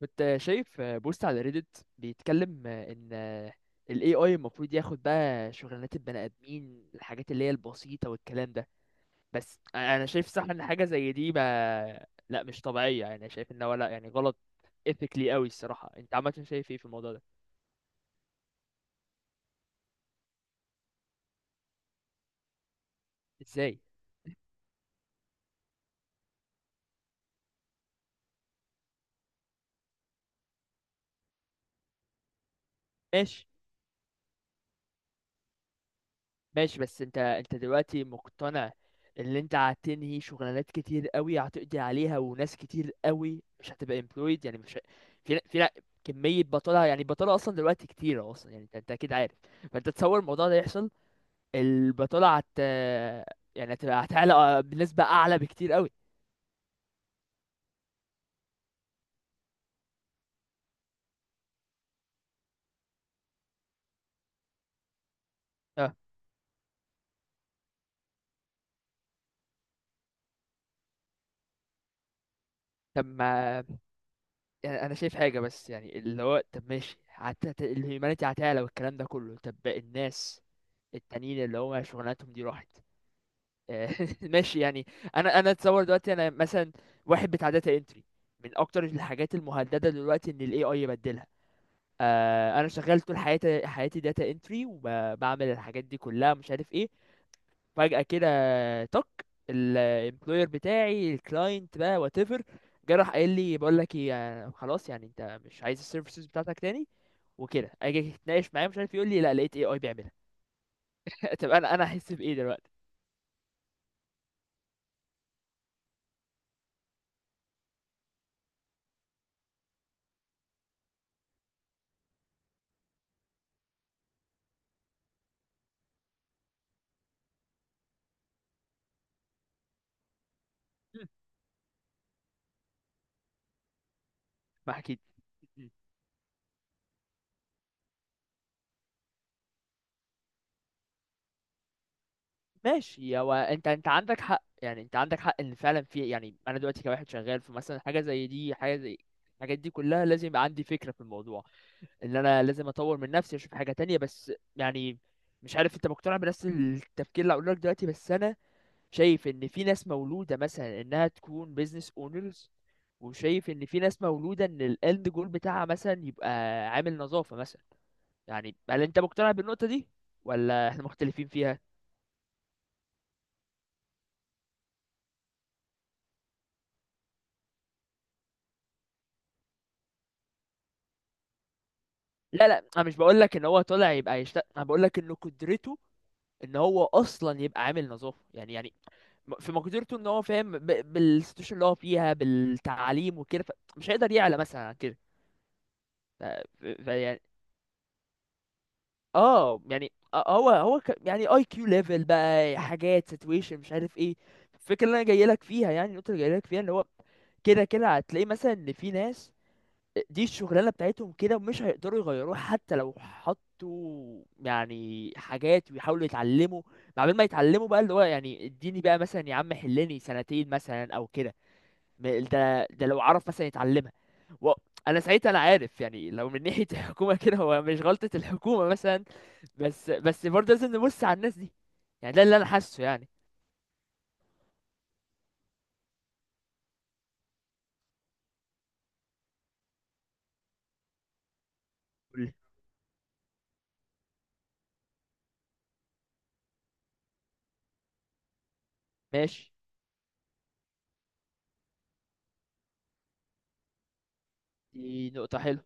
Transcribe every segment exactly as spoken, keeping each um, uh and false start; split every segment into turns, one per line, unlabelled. كنت شايف بوست على ريدت بيتكلم ان ال إيه آي المفروض ياخد بقى شغلانات البني ادمين، الحاجات اللي هي البسيطة والكلام ده. بس انا شايف صح ان حاجة زي دي ما لا مش طبيعية، يعني شايف ان هو لا يعني غلط ethically قوي الصراحة. انت عامة شايف ايه في الموضوع ده؟ ازاي؟ ماشي. ماشي. بس انت انت دلوقتي مقتنع ان انت هتنهي شغلانات كتير قوي، هتقضي عليها وناس كتير قوي مش هتبقى employed، يعني مش ه- في في كمية بطالة. يعني البطالة أصلا دلوقتي كتيرة أصلا، يعني أنت أنت أكيد عارف. فأنت تصور الموضوع ده يحصل؟ البطالة هت يعني هتبقى هتعلى بنسبة أعلى بكتير قوي. اه. طب ما يعني أنا شايف حاجة، بس يعني اللي هو طب ماشي هت... هت- الهيومانيتي هتعلى والكلام ده كله. طب الناس التانيين اللي هو شغلانتهم دي راحت. ماشي يعني. انا انا اتصور دلوقتي انا مثلا واحد بتاع داتا انتري، من اكتر الحاجات المهدده دلوقتي ان الاي اي يبدلها. آه انا شغال طول حياتي حياتي داتا انتري وبعمل الحاجات دي كلها، مش عارف ايه. فجاه كده تك الامبلوير بتاعي، الكلاينت بقى، وات ايفر، راح قايل لي بقول لك ايه، آه، خلاص يعني انت مش عايز السيرفيسز بتاعتك تاني. وكده اجي اتناقش معاه، مش عارف، يقول لي لا لقيت اي اي بيعملها. طب انا انا احس بايه دلوقتي؟ ما اكيد. ماشي. هو انت انت عندك حق، يعني انت عندك حق ان فعلا في، يعني انا دلوقتي كواحد شغال في مثلا حاجه زي دي، حاجه زي الحاجات دي كلها، لازم يبقى عندي فكره في الموضوع ان انا لازم اطور من نفسي، اشوف حاجه تانية. بس يعني مش عارف انت مقتنع بنفس التفكير اللي هقوله لك دلوقتي؟ بس انا شايف ان في ناس مولوده مثلا انها تكون بيزنس اونرز، وشايف ان في ناس مولوده ان الاند جول بتاعها مثلا يبقى عامل نظافه مثلا. يعني هل انت مقتنع بالنقطه دي، ولا احنا مختلفين فيها؟ لا لا، انا مش بقول لك ان هو طالع يبقى يشتغل، انا بقول لك انه قدرته ان هو اصلا يبقى عامل نظافه يعني. يعني م- في مقدرته ان هو فاهم ب- بالسيتويشن اللي هو فيها، بالتعليم وكده، مش هيقدر يعلى مثلا عن كده. ف... ف... ف- يعني اه. يعني آه، هو هو ك... يعني اي كيو ليفل بقى، حاجات سيتويشن، مش عارف ايه. الفكره اللي انا جاي لك فيها، يعني النقطه اللي جاي لك فيها، ان هو كده كده هتلاقي مثلا ان في ناس دي الشغلانة بتاعتهم كده، ومش هيقدروا يغيروها حتى لو حطوا يعني حاجات ويحاولوا يتعلموا. مع بال ما يتعلموا بقى، اللي هو يعني اديني بقى مثلا يا عم حلني سنتين مثلا او كده، م- ده ده لو عرف مثلا يتعلمها و... انا ساعتها انا عارف يعني لو من ناحية الحكومة كده، هو مش غلطة الحكومة مثلا. بس بس برضه لازم نبص على الناس دي، يعني ده اللي انا حاسه يعني. قول لي. ماشي. دي نقطة حلوة.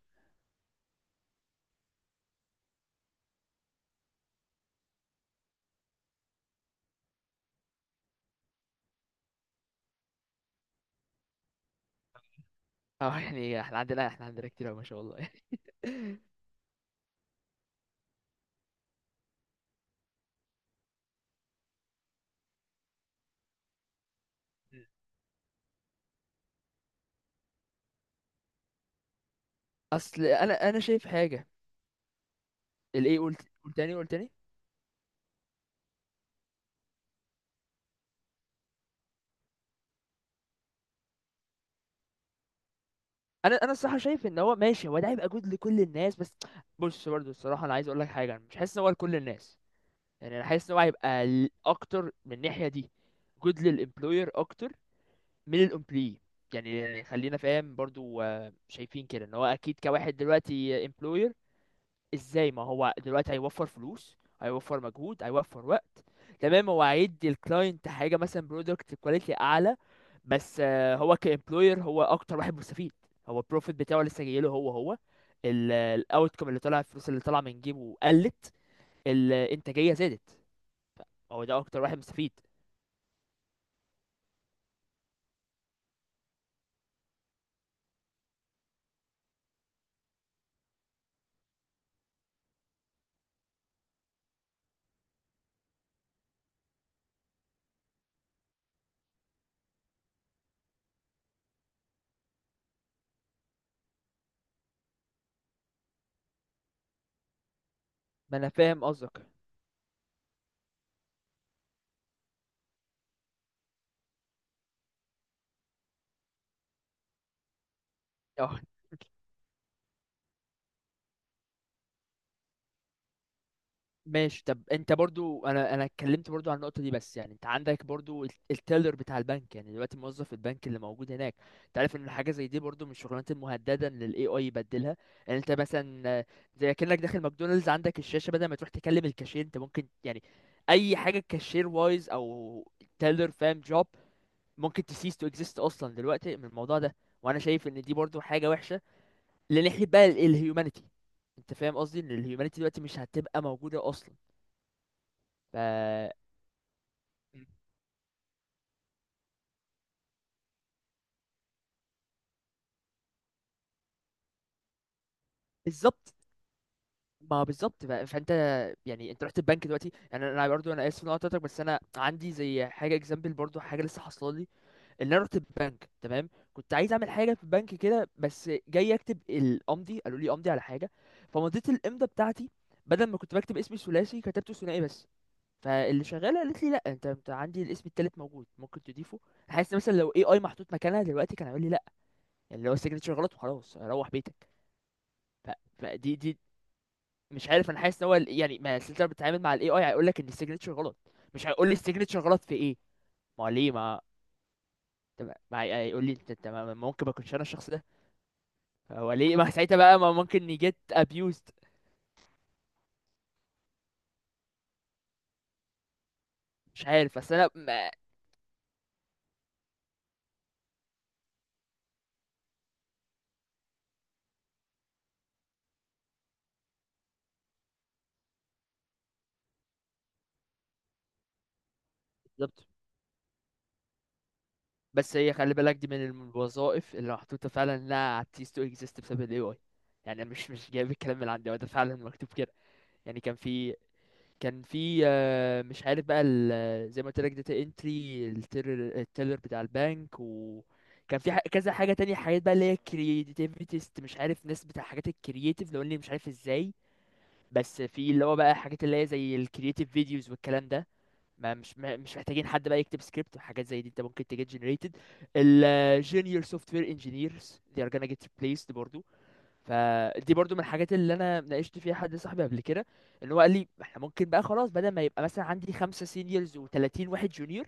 اه يعني احنا عندنا، احنا عندنا كتير أوي ما شاء الله يعني. اصل انا انا شايف حاجه. الايه؟ قلت؟ قلت تاني قلت تاني؟ انا انا الصراحه شايف ان هو ماشي، هو ده هيبقى جود لكل الناس. بس بص برضو الصراحه انا عايز اقول لك حاجه، انا مش حاسس ان هو لكل الناس، يعني انا حاسس ان هو هيبقى ل- اكتر من الناحيه دي جود للامبلوير اكتر من الامبلوي. يعني خلينا فاهم برضو، آه، شايفين كده ان هو اكيد كواحد دلوقتي employer. ازاي؟ ما هو دلوقتي هيوفر فلوس، هيوفر مجهود، هيوفر وقت. تمام هو هيدي الكلاينت حاجه مثلا برودكت كواليتي اعلى، بس آه، هو كامبلوير هو اكتر واحد مستفيد. هو البروفيت بتاعه لسه جايله. هو هو الاوتكم اللي طلع، الفلوس اللي طالعه من جيبه قلت، الانتاجيه زادت. هو ده اكتر واحد مستفيد. ما انا فاهم قصدك. اه ماشي. طب انت برضو، انا انا اتكلمت برضو عن النقطه دي. بس يعني انت عندك برضو ال- التيلر بتاع البنك، يعني دلوقتي موظف البنك اللي موجود هناك، انت عارف ان حاجه زي دي برضو من الشغلانات المهدده ان الاي اي يبدلها. يعني انت مثلا آه، زي كانك داخل ماكدونالدز، عندك الشاشه بدل ما تروح تكلم الكاشير، انت ممكن يعني اي حاجه كاشير وايز، او تيلر، فاهم، جوب، ممكن تسيس تو اكزيست اصلا دلوقتي من الموضوع ده. وانا شايف ان دي برضو حاجه وحشه لناحيه بقى الهيومانيتي. انت فاهم قصدي ان الهيومانيتي دلوقتي مش هتبقى موجوده اصلا. ف. بالظبط. ما هو بالظبط بقى، فانت. يعني انت رحت البنك دلوقتي، يعني انا برضو انا اسف ان انا قطعتك، بس انا عندي زي حاجه اكزامبل، برضو حاجه لسه حاصله لي ان انا رحت البنك. تمام، كنت عايز اعمل حاجه في البنك كده، بس جاي اكتب الامضي قالوا لي امضي على حاجه، فمضيت الامضه بتاعتي، بدل ما كنت بكتب اسمي الثلاثي كتبته ثنائي بس. فاللي شغاله قالت لي لا انت انت عندي الاسم التالت موجود ممكن تضيفه. حاسس مثلا لو اي اي محطوط مكانها دلوقتي كان هيقول لي لا، يعني اللي هو السيجنتشر غلط وخلاص روح بيتك. ف- فدي دي مش عارف، انا حاسس ان هو ال- يعني ما السيلتر بتتعامل مع الاي اي هيقول لك ان السيجنتشر غلط، مش هيقول لي السيجنتشر غلط في ايه. ما هو ليه ما، طب- ما هي- هيقول لي انت انت ما- ممكن ما اكونش انا الشخص ده. هو ليه ما ساعتها بقى ما ممكن يجيت abused. مش عارف بس انا ما- بالظبط. بس هي خلي بالك دي من الوظائف اللي محطوطه فعلا انها هتcease to exist بسبب الاي اي. يعني أنا مش مش جايب الكلام من عندي، هو ده فعلا مكتوب كده. يعني كان في، كان في آه، مش عارف بقى ال- آه، زي ما قلت لك داتا انتري، التيلر بتاع البنك، وكان في ح- كذا حاجه تانية، حاجات بقى اللي هي كرياتيفيتيست، مش عارف، ناس بتاع حاجات الكرياتيف لو اني مش عارف ازاي. بس في اللي هو بقى حاجات اللي هي زي الكرياتيف فيديوز والكلام ده. ما مش ما- مش محتاجين حد بقى يكتب سكريبت وحاجات زي دي، انت ممكن تجيت جنريتد. الجونيور سوفت وير انجينيرز they are gonna get replaced برضو. فدي برضو من الحاجات اللي انا ناقشت فيها حد صاحبي قبل كده، ان هو قال لي احنا ممكن بقى خلاص بدل ما يبقى مثلا عندي خمسة سينيورز و30 واحد جونيور،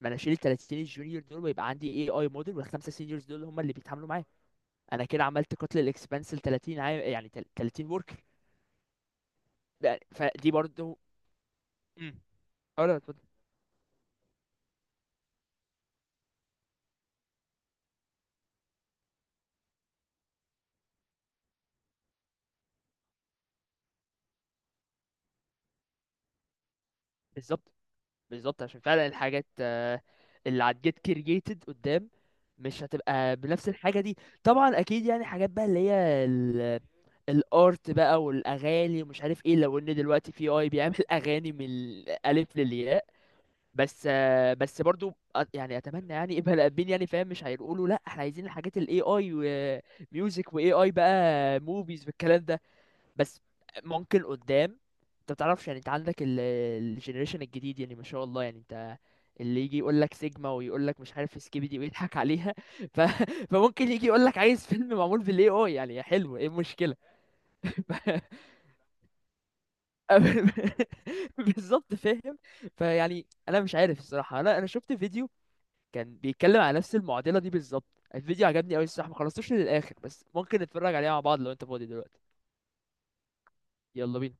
ما انا اشيل ال تلاتين الجونيور دول، ويبقى عندي اي اي موديل، والخمسه سينيورز دول هم اللي بيتعاملوا معايا. انا كده عملت قتل الاكسبانس ل تلاتين عام، يعني تل- تلاتين وركر. فدي برضو. امم، اه لا اتفضل. بالظبط. بالظبط عشان فعلا الحاجات آه، اللي هتجيت كرييتد قدام مش هتبقى بنفس الحاجة دي. طبعا اكيد يعني حاجات بقى اللي هي ال الارت بقى والاغاني ومش عارف ايه، لو ان دلوقتي في اي بيعمل اغاني من الالف للياء. بس آه، بس برضو أ- يعني اتمنى يعني يبقى الابين، يعني فاهم، مش هيقولوا لا احنا عايزين الحاجات الاي اي وميوزك واي اي بقى موفيز والكلام ده. بس ممكن قدام انت متعرفش، يعني انت عندك الجنريشن الجديد يعني ما شاء الله، يعني انت اللي يجي يقول لك سيجما، ويقول لك مش عارف سكيبي دي، ويضحك عليها. ف... فممكن يجي يقول لك عايز فيلم معمول بالاي اي، يعني يا حلو ايه المشكله. ف... بالظبط فاهم. فيعني انا مش عارف الصراحه، انا انا شفت فيديو كان بيتكلم على نفس المعضله دي بالظبط. الفيديو عجبني قوي الصراحه، ما خلصتوش للاخر، بس ممكن نتفرج عليه مع بعض لو انت فاضي دلوقتي. يلا بينا.